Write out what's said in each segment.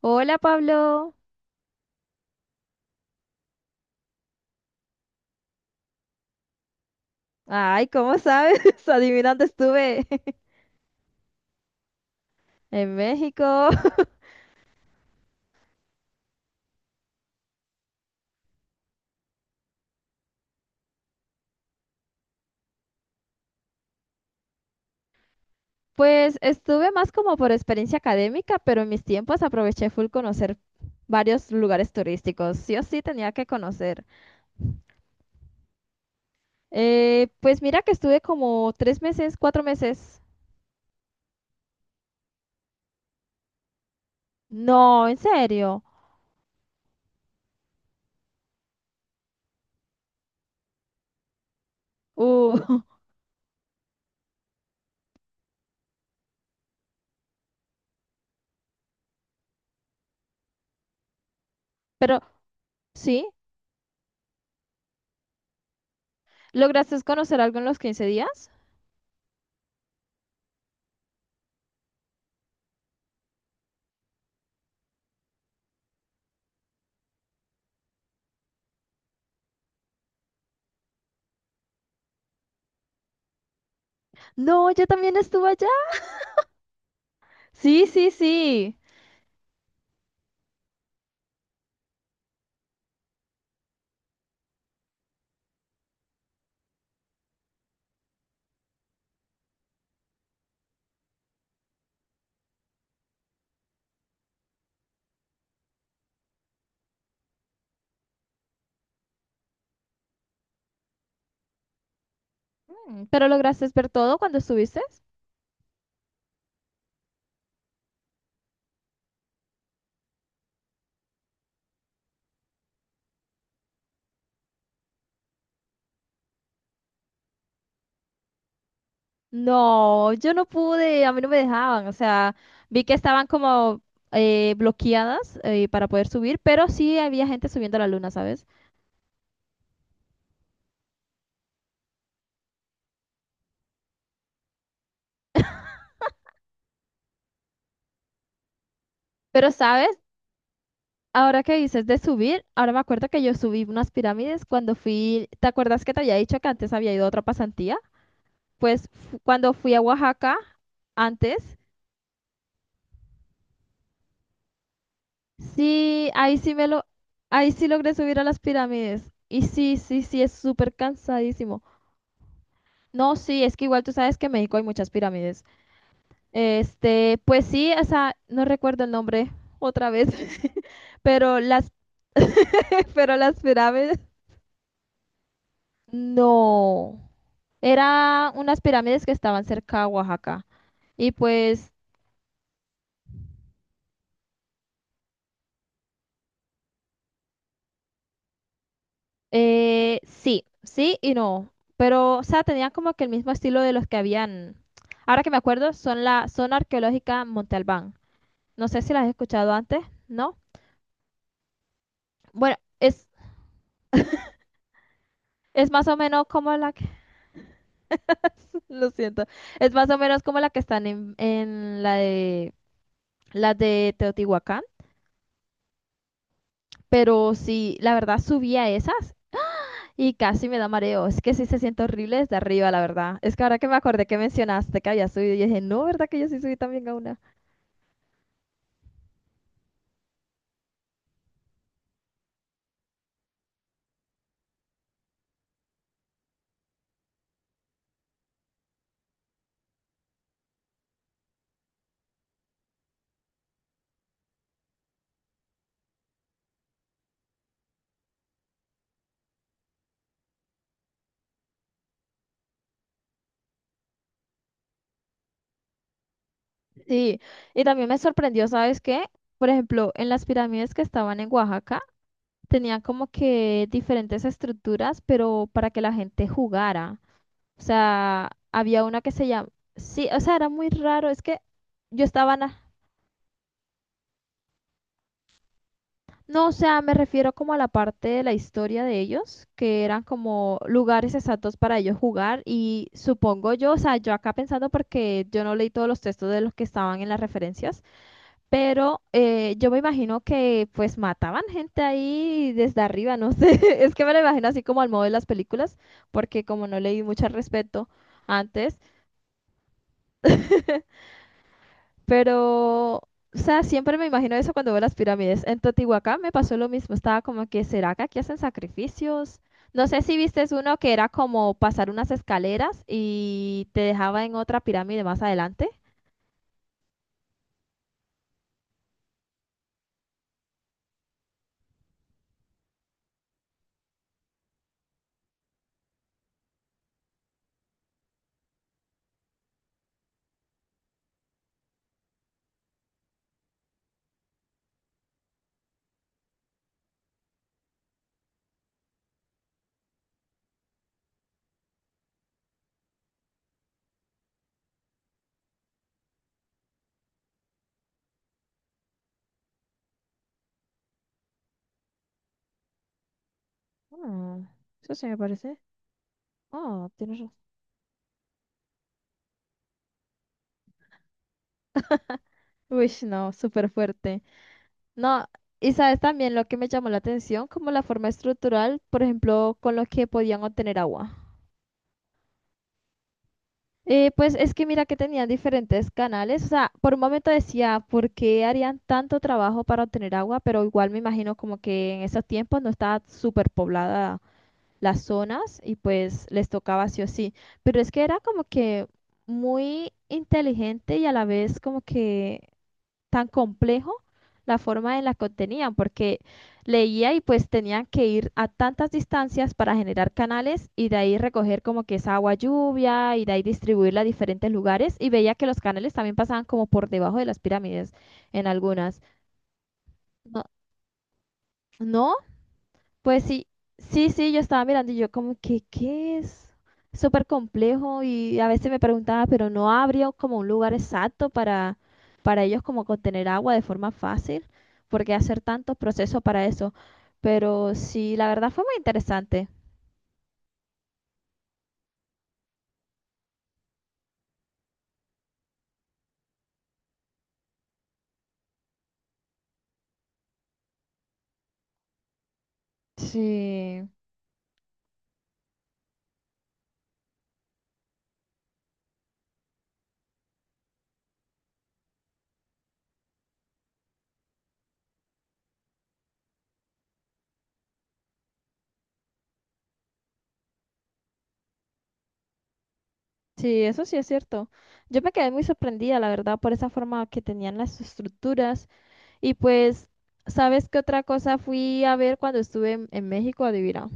Hola Pablo. Ay, ¿cómo sabes? Adivina dónde estuve. En México. Pues estuve más como por experiencia académica, pero en mis tiempos aproveché full conocer varios lugares turísticos. Sí o sí tenía que conocer. Pues mira que estuve como 3 meses, 4 meses. No, en serio. Uh, pero sí, ¿lograste conocer algo en los 15 días? No, yo también estuve allá. Sí, sí, sí. ¿Pero lograste ver todo cuando estuviste? No, yo no pude, a mí no me dejaban, o sea, vi que estaban como bloqueadas para poder subir, pero sí había gente subiendo a la luna, ¿sabes? Pero, ¿sabes? Ahora que dices de subir, ahora me acuerdo que yo subí unas pirámides cuando fui, ¿te acuerdas que te había dicho que antes había ido a otra pasantía? Pues cuando fui a Oaxaca antes, sí, ahí sí me lo, ahí sí logré subir a las pirámides. Y sí, sí, sí, es súper cansadísimo. No, sí, es que igual tú sabes que en México hay muchas pirámides. Este, pues sí, esa, no recuerdo el nombre otra vez, pero las, pero las pirámides, no, eran unas pirámides que estaban cerca a Oaxaca. Y pues, sí, sí y no, pero, o sea, tenían como que el mismo estilo de los que habían, ahora que me acuerdo, son la zona arqueológica Monte Albán. No sé si las has escuchado antes, ¿no? Bueno, es más o menos como la. Lo siento. Es más o menos como la que están en la de las de Teotihuacán. Pero sí, la verdad subí a esas y casi me da mareo. Es que sí se siente horrible desde arriba, la verdad. Es que ahora que me acordé que mencionaste que había subido, yo dije, no, ¿verdad que yo sí subí también a una? Sí, y también me sorprendió, ¿sabes qué? Por ejemplo, en las pirámides que estaban en Oaxaca, tenían como que diferentes estructuras, pero para que la gente jugara. O sea, había una que se llama... Sí, o sea, era muy raro. Es que yo estaba. No, o sea, me refiero como a la parte de la historia de ellos, que eran como lugares exactos para ellos jugar y supongo yo, o sea, yo acá pensando porque yo no leí todos los textos de los que estaban en las referencias, pero yo me imagino que pues mataban gente ahí desde arriba, no sé, es que me lo imagino así como al modo de las películas, porque como no leí mucho al respecto antes. Pero, o sea, siempre me imagino eso cuando veo las pirámides. En Teotihuacán me pasó lo mismo. Estaba como que, ¿será que aquí hacen sacrificios? No sé si viste uno que era como pasar unas escaleras y te dejaba en otra pirámide más adelante. Ah, eso sí me parece. Oh, tienes razón. Uy, no, súper fuerte. No, y sabes también lo que me llamó la atención, como la forma estructural, por ejemplo, con lo que podían obtener agua. Pues es que mira que tenían diferentes canales, o sea, por un momento decía, ¿por qué harían tanto trabajo para obtener agua? Pero igual me imagino como que en esos tiempos no estaba súper poblada las zonas y pues les tocaba sí o sí. Pero es que era como que muy inteligente y a la vez como que tan complejo la forma en la que obtenían, porque leía y pues tenían que ir a tantas distancias para generar canales y de ahí recoger como que esa agua lluvia y de ahí distribuirla a diferentes lugares y veía que los canales también pasaban como por debajo de las pirámides en algunas. No, no, pues sí, sí, sí, yo estaba mirando y yo como que, ¿qué es? Súper complejo y a veces me preguntaba, pero no habría como un lugar exacto para, ellos como contener agua de forma fácil, porque hacer tantos procesos para eso. Pero sí, la verdad fue muy interesante. Sí, sí, eso sí es cierto. Yo me quedé muy sorprendida, la verdad, por esa forma que tenían las estructuras. Y pues, ¿sabes qué otra cosa fui a ver cuando estuve en México? Adivina.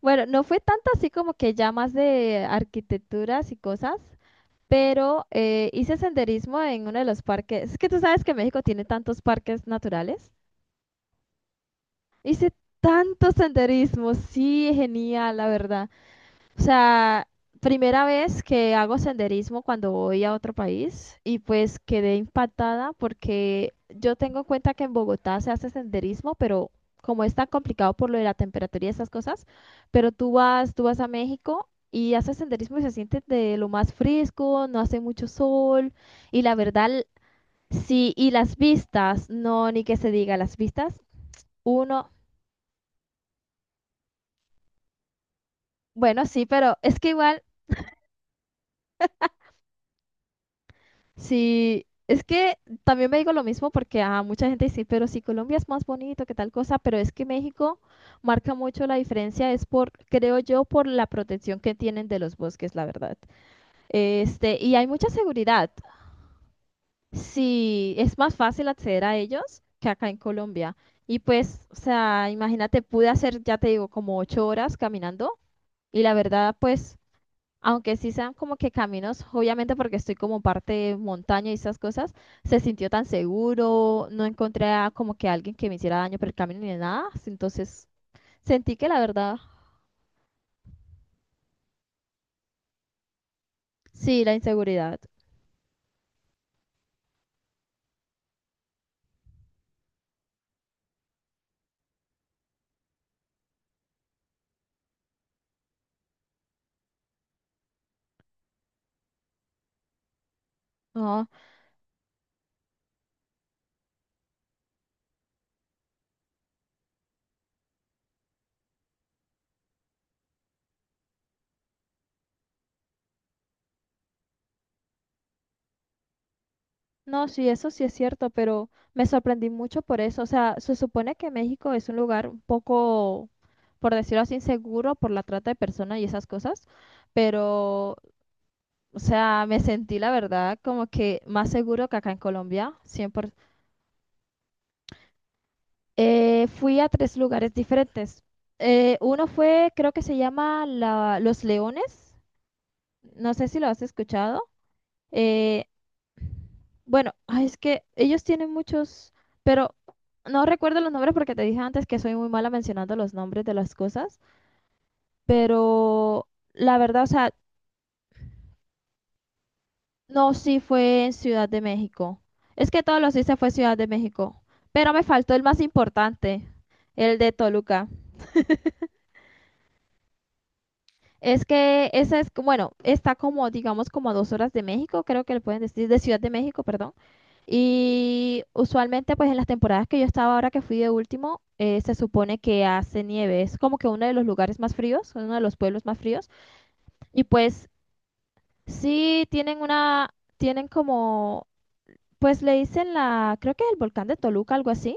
Bueno, no fue tanto así como que ya más de arquitecturas y cosas, pero hice senderismo en uno de los parques. Es que tú sabes que México tiene tantos parques naturales. Hice tanto senderismo, sí, genial, la verdad. O sea, primera vez que hago senderismo cuando voy a otro país y pues quedé impactada porque yo tengo en cuenta que en Bogotá se hace senderismo, pero como es tan complicado por lo de la temperatura y esas cosas, pero tú vas a México y haces senderismo y se siente de lo más fresco, no hace mucho sol y la verdad, sí, y las vistas, no, ni que se diga las vistas, uno, bueno, sí, pero es que igual. Sí, es que también me digo lo mismo porque a mucha gente dice, pero si Colombia es más bonito, que tal cosa, pero es que México marca mucho la diferencia, es por, creo yo, por la protección que tienen de los bosques, la verdad. Este, y hay mucha seguridad. Sí, es más fácil acceder a ellos que acá en Colombia. Y pues, o sea, imagínate, pude hacer, ya te digo, como 8 horas caminando y la verdad, pues aunque sí sean como que caminos, obviamente porque estoy como parte de montaña y esas cosas, se sintió tan seguro, no encontré a como que alguien que me hiciera daño por el camino ni nada, entonces sentí que la verdad, sí, la inseguridad. No, no, sí, eso sí es cierto, pero me sorprendí mucho por eso. O sea, se supone que México es un lugar un poco, por decirlo así, inseguro por la trata de personas y esas cosas, pero, o sea, me sentí la verdad como que más seguro que acá en Colombia, 100%. Fui a tres lugares diferentes. Uno fue, creo que se llama Los Leones. No sé si lo has escuchado. Eh, bueno, ay, es que ellos tienen muchos, pero no recuerdo los nombres porque te dije antes que soy muy mala mencionando los nombres de las cosas. Pero la verdad, o sea, no, sí fue en Ciudad de México. Es que todos los hice fue Ciudad de México. Pero me faltó el más importante, el de Toluca. Es que esa es, bueno, está como, digamos, como a 2 horas de México, creo que le pueden decir, de Ciudad de México, perdón. Y usualmente, pues en las temporadas que yo estaba ahora que fui de último, se supone que hace nieve. Es como que uno de los lugares más fríos, uno de los pueblos más fríos. Y pues sí tienen una, tienen como, pues le dicen la, creo que es el volcán de Toluca, algo así.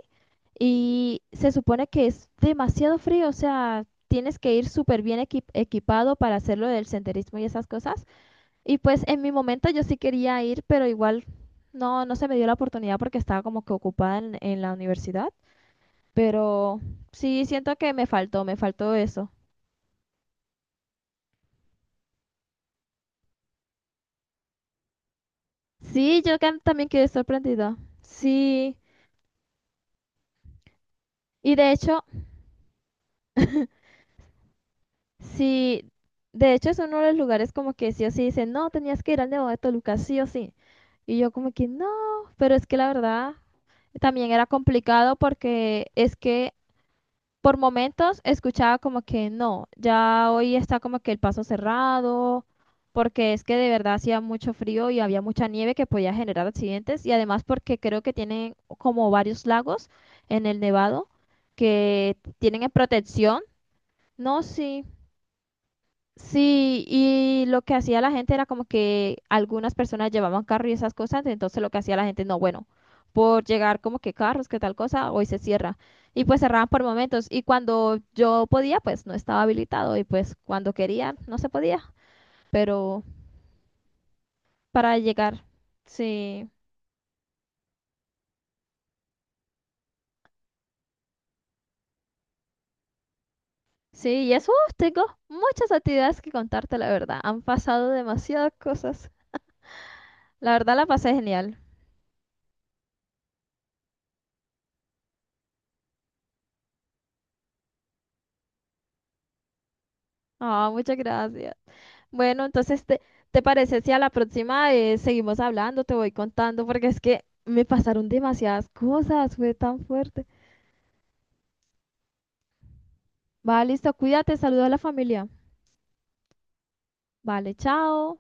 Y se supone que es demasiado frío, o sea, tienes que ir súper bien equipado para hacerlo del senderismo y esas cosas. Y pues en mi momento yo sí quería ir, pero igual no, no se me dio la oportunidad porque estaba como que ocupada en, la universidad. Pero sí siento que me faltó eso. Sí, yo también quedé sorprendida. Sí, y de hecho, sí, de hecho es uno de los lugares como que sí o sí dicen, no, tenías que ir al Nevado de Toluca, sí o sí. Y yo como que no, pero es que la verdad también era complicado porque es que por momentos escuchaba como que no, ya hoy está como que el paso cerrado, porque es que de verdad hacía mucho frío y había mucha nieve que podía generar accidentes y además porque creo que tienen como varios lagos en el Nevado que tienen en protección. No, sí. Sí, y lo que hacía la gente era como que algunas personas llevaban carro y esas cosas, entonces lo que hacía la gente, no, bueno, por llegar como que carros, que tal cosa, hoy se cierra. Y pues cerraban por momentos. Y cuando yo podía, pues no estaba habilitado. Y pues cuando quería, no se podía. Pero para llegar, sí. Sí, y eso uf, tengo muchas actividades que contarte, la verdad. Han pasado demasiadas cosas. La verdad la pasé genial. Ah, muchas gracias. Bueno, entonces, ¿te parece si a la próxima seguimos hablando? Te voy contando porque es que me pasaron demasiadas cosas, fue tan fuerte. Vale, listo, cuídate, saludo a la familia. Vale, chao.